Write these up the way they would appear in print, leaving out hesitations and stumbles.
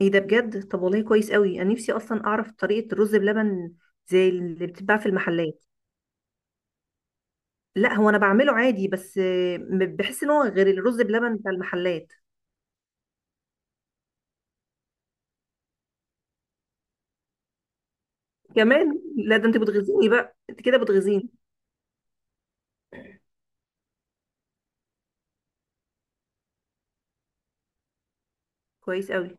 ايه ده؟ بجد؟ طب والله كويس قوي، انا نفسي اصلا اعرف طريقه الرز بلبن زي اللي بتتباع في المحلات. لا، هو انا بعمله عادي، بس بحس ان هو غير الرز بلبن بتاع المحلات. كمان؟ لا، ده انت بتغيظيني بقى، انت كده بتغيظيني. كويس قوي.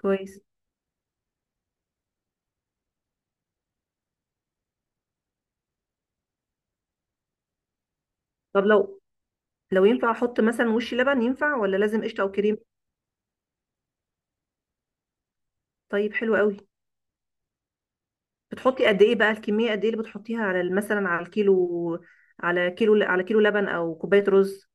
كويس. طب لو ينفع احط مثلا وش لبن، ينفع ولا لازم قشطه او كريم؟ طيب، حلو قوي. بتحطي قد ايه بقى؟ الكميه قد ايه اللي بتحطيها على مثلا على الكيلو؟ على كيلو، على كيلو لبن او كوبايه رز؟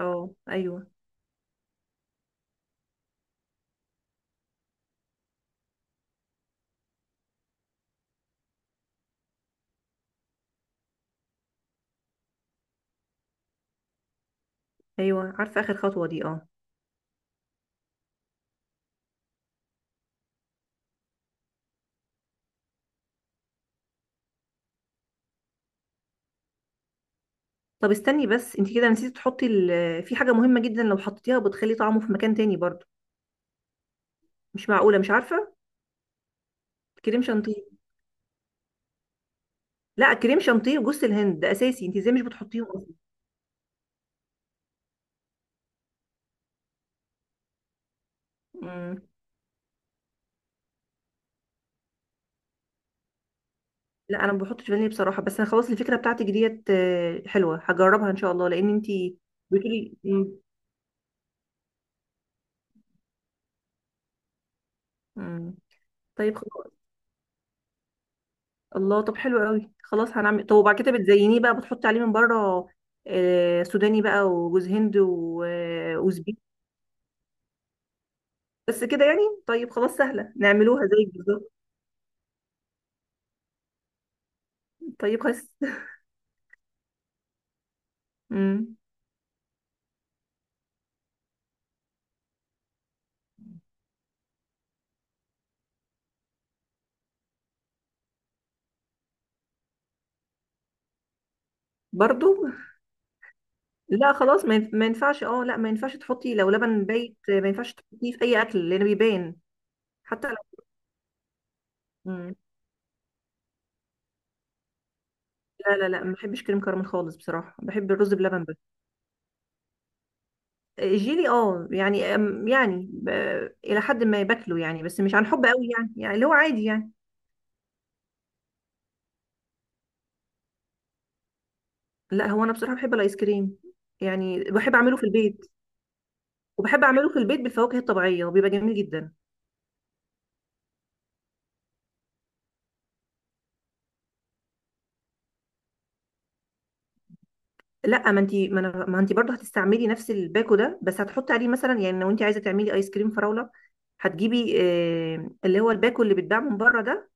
اه، ايوه. ايوه، عارفه اخر خطوه دي، اه. طب استني بس، انت كده نسيتي تحطي في حاجه مهمه جدا، لو حطيتيها بتخلي طعمه في مكان تاني برضو. مش معقوله، مش عارفه. كريم شانتيه. لا، كريم شانتيه وجوز الهند ده اساسي، انت ازاي مش بتحطيهم اصلا؟ مم. لا، انا ما بحطش فانيليا بصراحه، بس انا خلاص الفكره بتاعتك ديت حلوه، هجربها ان شاء الله، لان انت بتقولي مم. مم. طيب خلاص. الله، طب حلو قوي، خلاص هنعمل. طب وبعد كده بتزينيه بقى، بتحطي عليه من بره سوداني بقى وجوز هند وزبيب. بس كده يعني. طيب خلاص، سهله، نعملوها زيك بالظبط. طيب خس. امم. برضو. لا خلاص، ما ينفعش، اه لا، ما ينفعش تحطي، لو لبن بايت ما ينفعش تحطيه في اي اكل لان بيبان. حتى لو. مم. لا، لا، لا، ما بحبش كريم كراميل خالص بصراحه، بحب الرز بلبن بس. الجيلي اه، يعني يعني الى حد ما باكله يعني، بس مش عن حب قوي يعني اللي هو عادي يعني. لا هو، انا بصراحه بحب الايس كريم، يعني بحب اعمله في البيت، وبحب اعمله في البيت بالفواكه الطبيعيه، وبيبقى جميل جدا. لا ما انت برضه هتستعملي نفس الباكو ده، بس هتحطي عليه مثلا، يعني لو انت عايزه تعملي ايس كريم فراوله، هتجيبي اللي هو الباكو اللي بيتباع من بره ده،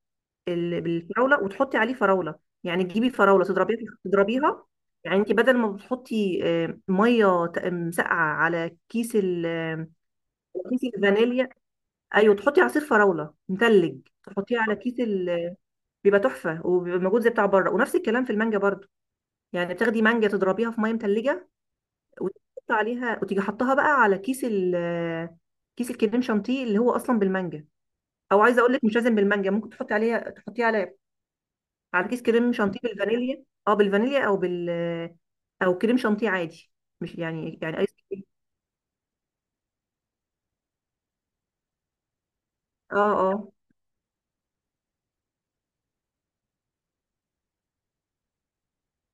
بالفراوله، وتحطي عليه فراوله، يعني تجيبي فراوله تضربيها، تضربيها. يعني انت بدل ما بتحطي ميه مسقعه على كيس كيس الفانيليا، ايوه تحطي عصير فراوله مثلج، تحطيه على كيس بيبقى تحفه، وبيبقى موجود زي بتاع بره، ونفس الكلام في المانجا برضه. يعني بتاخدي مانجا، تضربيها في ميه مثلجه، وتحط عليها، وتيجي حطها بقى على كيس الكريم شانتيه اللي هو اصلا بالمانجا. او عايزه اقول لك، مش لازم بالمانجا، ممكن تحطي عليها، تحطيه على على كيس كريم شانتيه بالفانيليا، اه بالفانيليا، او او كريم شانتيه عادي، مش يعني، يعني ايس كريم. اه، اه،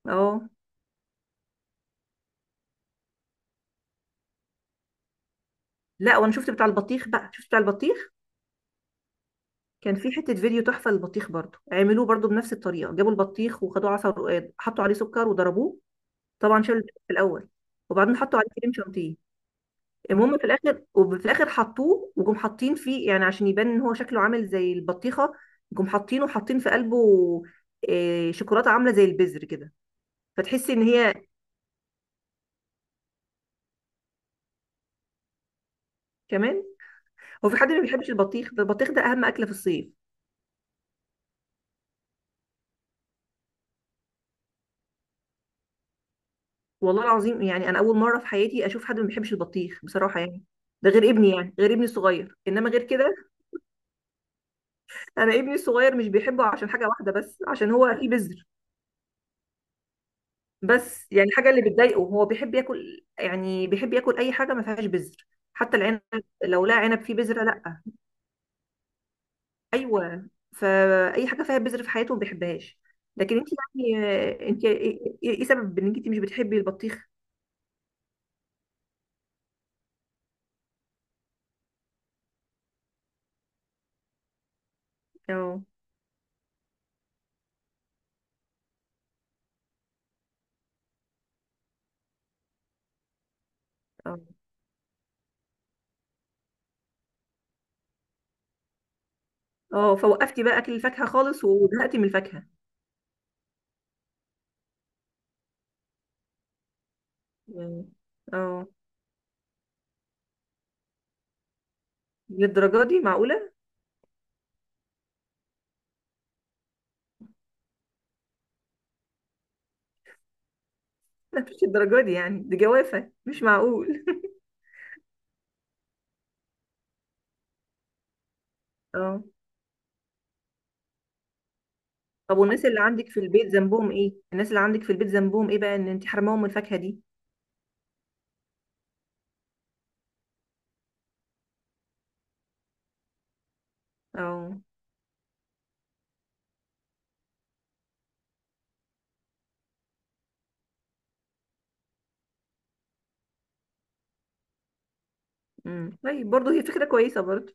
اه. لا، وانا شفت بتاع البطيخ بقى، شفت بتاع البطيخ. كان في حته فيديو تحفه للبطيخ، برضو عملوه برضو بنفس الطريقه، جابوا البطيخ وخدوه عصا ورقاد، حطوا عليه سكر وضربوه. طبعا شالوا البطيخ في الاول، وبعدين حطوا عليه كريم شانتيه. المهم، في الاخر، وفي الاخر حطوه، وجم حاطين فيه يعني عشان يبان ان هو شكله عامل زي البطيخه. جم حاطينه، حاطين في قلبه شوكولاته عامله زي البذر كده، فتحسي ان هي كمان. هو في حد ما بيحبش البطيخ؟ ده البطيخ ده اهم اكله في الصيف. والله العظيم، يعني انا اول مره في حياتي اشوف حد ما بيحبش البطيخ بصراحه يعني. ده غير ابني، يعني غير ابني الصغير، انما غير كده. انا ابني الصغير مش بيحبه عشان حاجه واحده بس، عشان هو فيه بذر. بس يعني الحاجه اللي بتضايقه، هو بيحب ياكل يعني، بيحب ياكل اي حاجه ما فيهاش بذر. حتى العنب، لو لقى عنب فيه بذره لا. ايوه. فاي حاجه فيها بذر في حياته ما بيحبهاش. لكن انت، يعني انت إيه سبب ان انت مش بتحبي البطيخ؟ اه. اه، اه. فوقفتي بقى اكل الفاكهه خالص، وزهقتي من الفاكهه؟ يعني. اه. للدرجه دي؟ معقوله؟ لا، مش الدرجه دي يعني، دي جوافه مش معقول. اه. طب والناس اللي عندك في البيت ذنبهم ايه؟ الناس اللي عندك في البيت ذنبهم ايه بقى ان انت حرماهم من الفاكهه دي؟ اه. امم، طيب برضه، هي فكره كويسه برضه.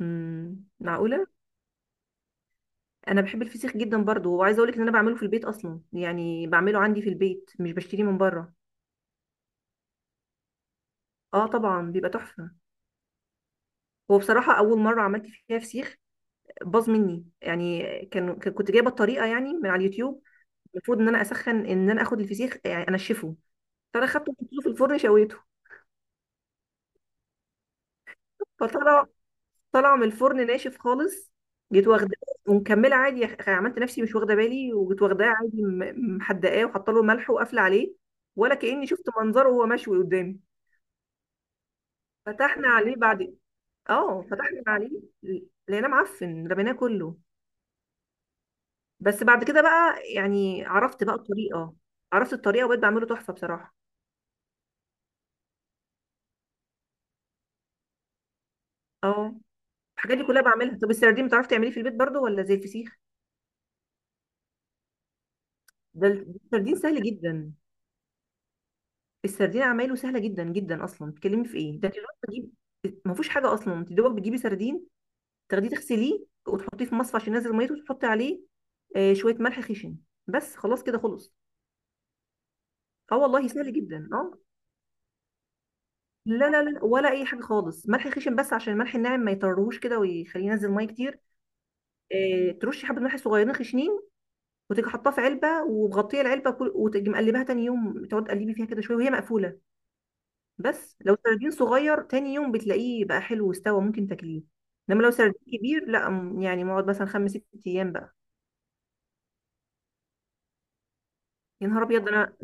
امم، معقوله. انا بحب الفسيخ جدا برضه، وعايزه اقول لك ان انا بعمله في البيت اصلا، يعني بعمله عندي في البيت، مش بشتريه من بره. اه طبعا، بيبقى تحفه. هو بصراحه اول مره عملت فيها فسيخ، باظ مني، يعني كنت جايبه الطريقه يعني من على اليوتيوب. المفروض ان انا اسخن، ان انا اخد الفسيخ يعني انشفه. فانا خدته وحطيته في الفرن، شويته، فطلع، طالعه من الفرن ناشف خالص. جيت واخداه، ومكمله عادي، عملت نفسي مش واخده بالي، وجيت واخداه عادي، محدقاه وحاطه له ملح وقافله عليه، ولا كاني شفت منظره وهو مشوي قدامي. فتحنا عليه بعد. اه، فتحنا عليه لقيناه معفن، رميناه كله. بس بعد كده بقى، يعني عرفت بقى الطريقه. عرفت الطريقه وبقيت بعمله تحفه بصراحه. اه، الحاجات دي كلها بعملها. طب السردين بتعرفي تعمليه في البيت برضو، ولا زي الفسيخ؟ ده السردين سهل جدا. السردين عمايله سهله جدا جدا، اصلا بتتكلمي في ايه؟ ده انت دوبك بتجيبي. ما فيهوش حاجه اصلا، انت دوبك بتجيبي سردين، تاخديه تغسليه وتحطيه في مصفى عشان ينزل ميته، وتحطي عليه شويه ملح خشن، بس خلاص كده، خلص. اه والله، سهل جدا، اه. لا، لا، لا، ولا اي حاجه خالص، ملح خشن بس، عشان الملح الناعم ما يطرهوش كده، ويخليه ينزل ميه كتير. ترشي حبه ملح صغيرين خشنين، وتيجي حاطاه في علبه ومغطيه العلبه، وتيجي مقلباها تاني يوم، تقعد تقلبي فيها كده شويه وهي مقفوله. بس لو سردين صغير، تاني يوم بتلاقيه بقى حلو واستوى، ممكن تاكليه. انما لو سردين كبير، لا يعني مقعد مثلا خمس ست ايام بقى. يا نهار ابيض، ده انا.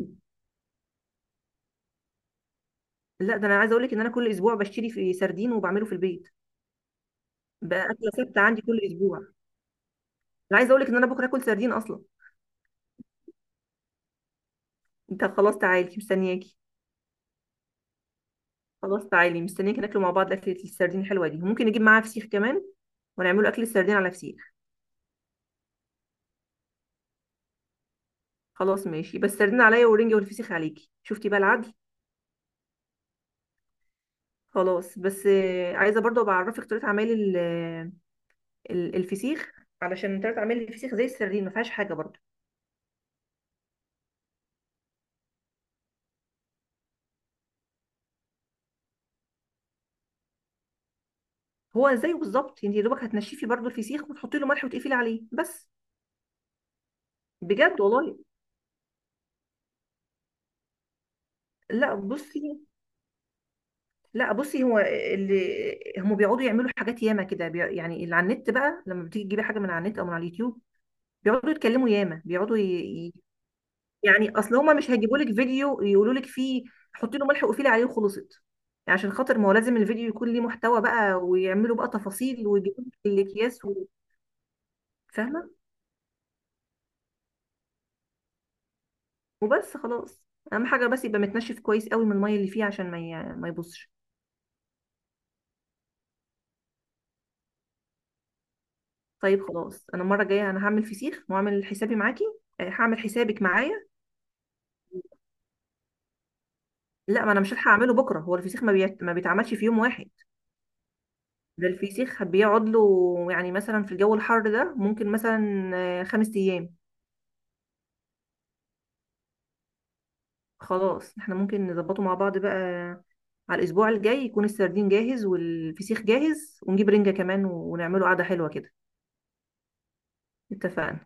لا ده انا عايزه اقول لك ان انا كل اسبوع بشتري في سردين وبعمله في البيت. بقى اكله ثابته عندي كل اسبوع. انا عايزه اقول لك ان انا بكره اكل سردين اصلا. انت خلاص، تعالي مستنياكي. خلاص، تعالي مستنياكي، ناكله مع بعض، اكله السردين الحلوه دي، وممكن نجيب معاها فسيخ كمان، ونعمله اكل السردين على فسيخ. خلاص ماشي، بس السردين عليا، والرنجه والفسيخ عليكي، شفتي بقى العدل؟ خلاص، بس عايزه برضو بعرفك طريقه عمل الفسيخ. علشان طريقه عمل الفسيخ زي السردين، ما فيهاش حاجه برضو. هو زيه بالظبط، انت يا دوبك هتنشفي برضو الفسيخ، وتحطي له ملح وتقفلي عليه بس. بجد والله. لا بصي. لا بصي، هو اللي هم بيقعدوا يعملوا حاجات ياما كده، يعني اللي على النت بقى، لما بتيجي تجيبي حاجه من على النت او من على اليوتيوب، بيقعدوا يتكلموا ياما بيقعدوا. يعني اصل هما مش هيجيبوا لك فيديو يقولوا لك فيه: حطي له ملح وقفلي عليه وخلصت. يعني عشان خاطر، ما هو لازم الفيديو يكون ليه محتوى بقى، ويعملوا بقى تفاصيل ويجيبوا لك الاكياس فاهمه. وبس خلاص. اهم حاجه بس يبقى متنشف كويس قوي من الميه اللي فيه، عشان ما يبصش. طيب خلاص، انا المره الجايه انا هعمل فسيخ وهعمل حسابي معاكي. هعمل حسابك معايا. لا، ما انا مش هلحق اعمله بكره، هو الفسيخ ما بيتعملش في يوم واحد. ده الفسيخ بيقعد له يعني مثلا، في الجو الحر ده ممكن مثلا 5 أيام. خلاص، احنا ممكن نظبطه مع بعض بقى، على الاسبوع الجاي يكون السردين جاهز والفسيخ جاهز، ونجيب رنجة كمان، ونعمله قعدة حلوة كده. اتفقنا.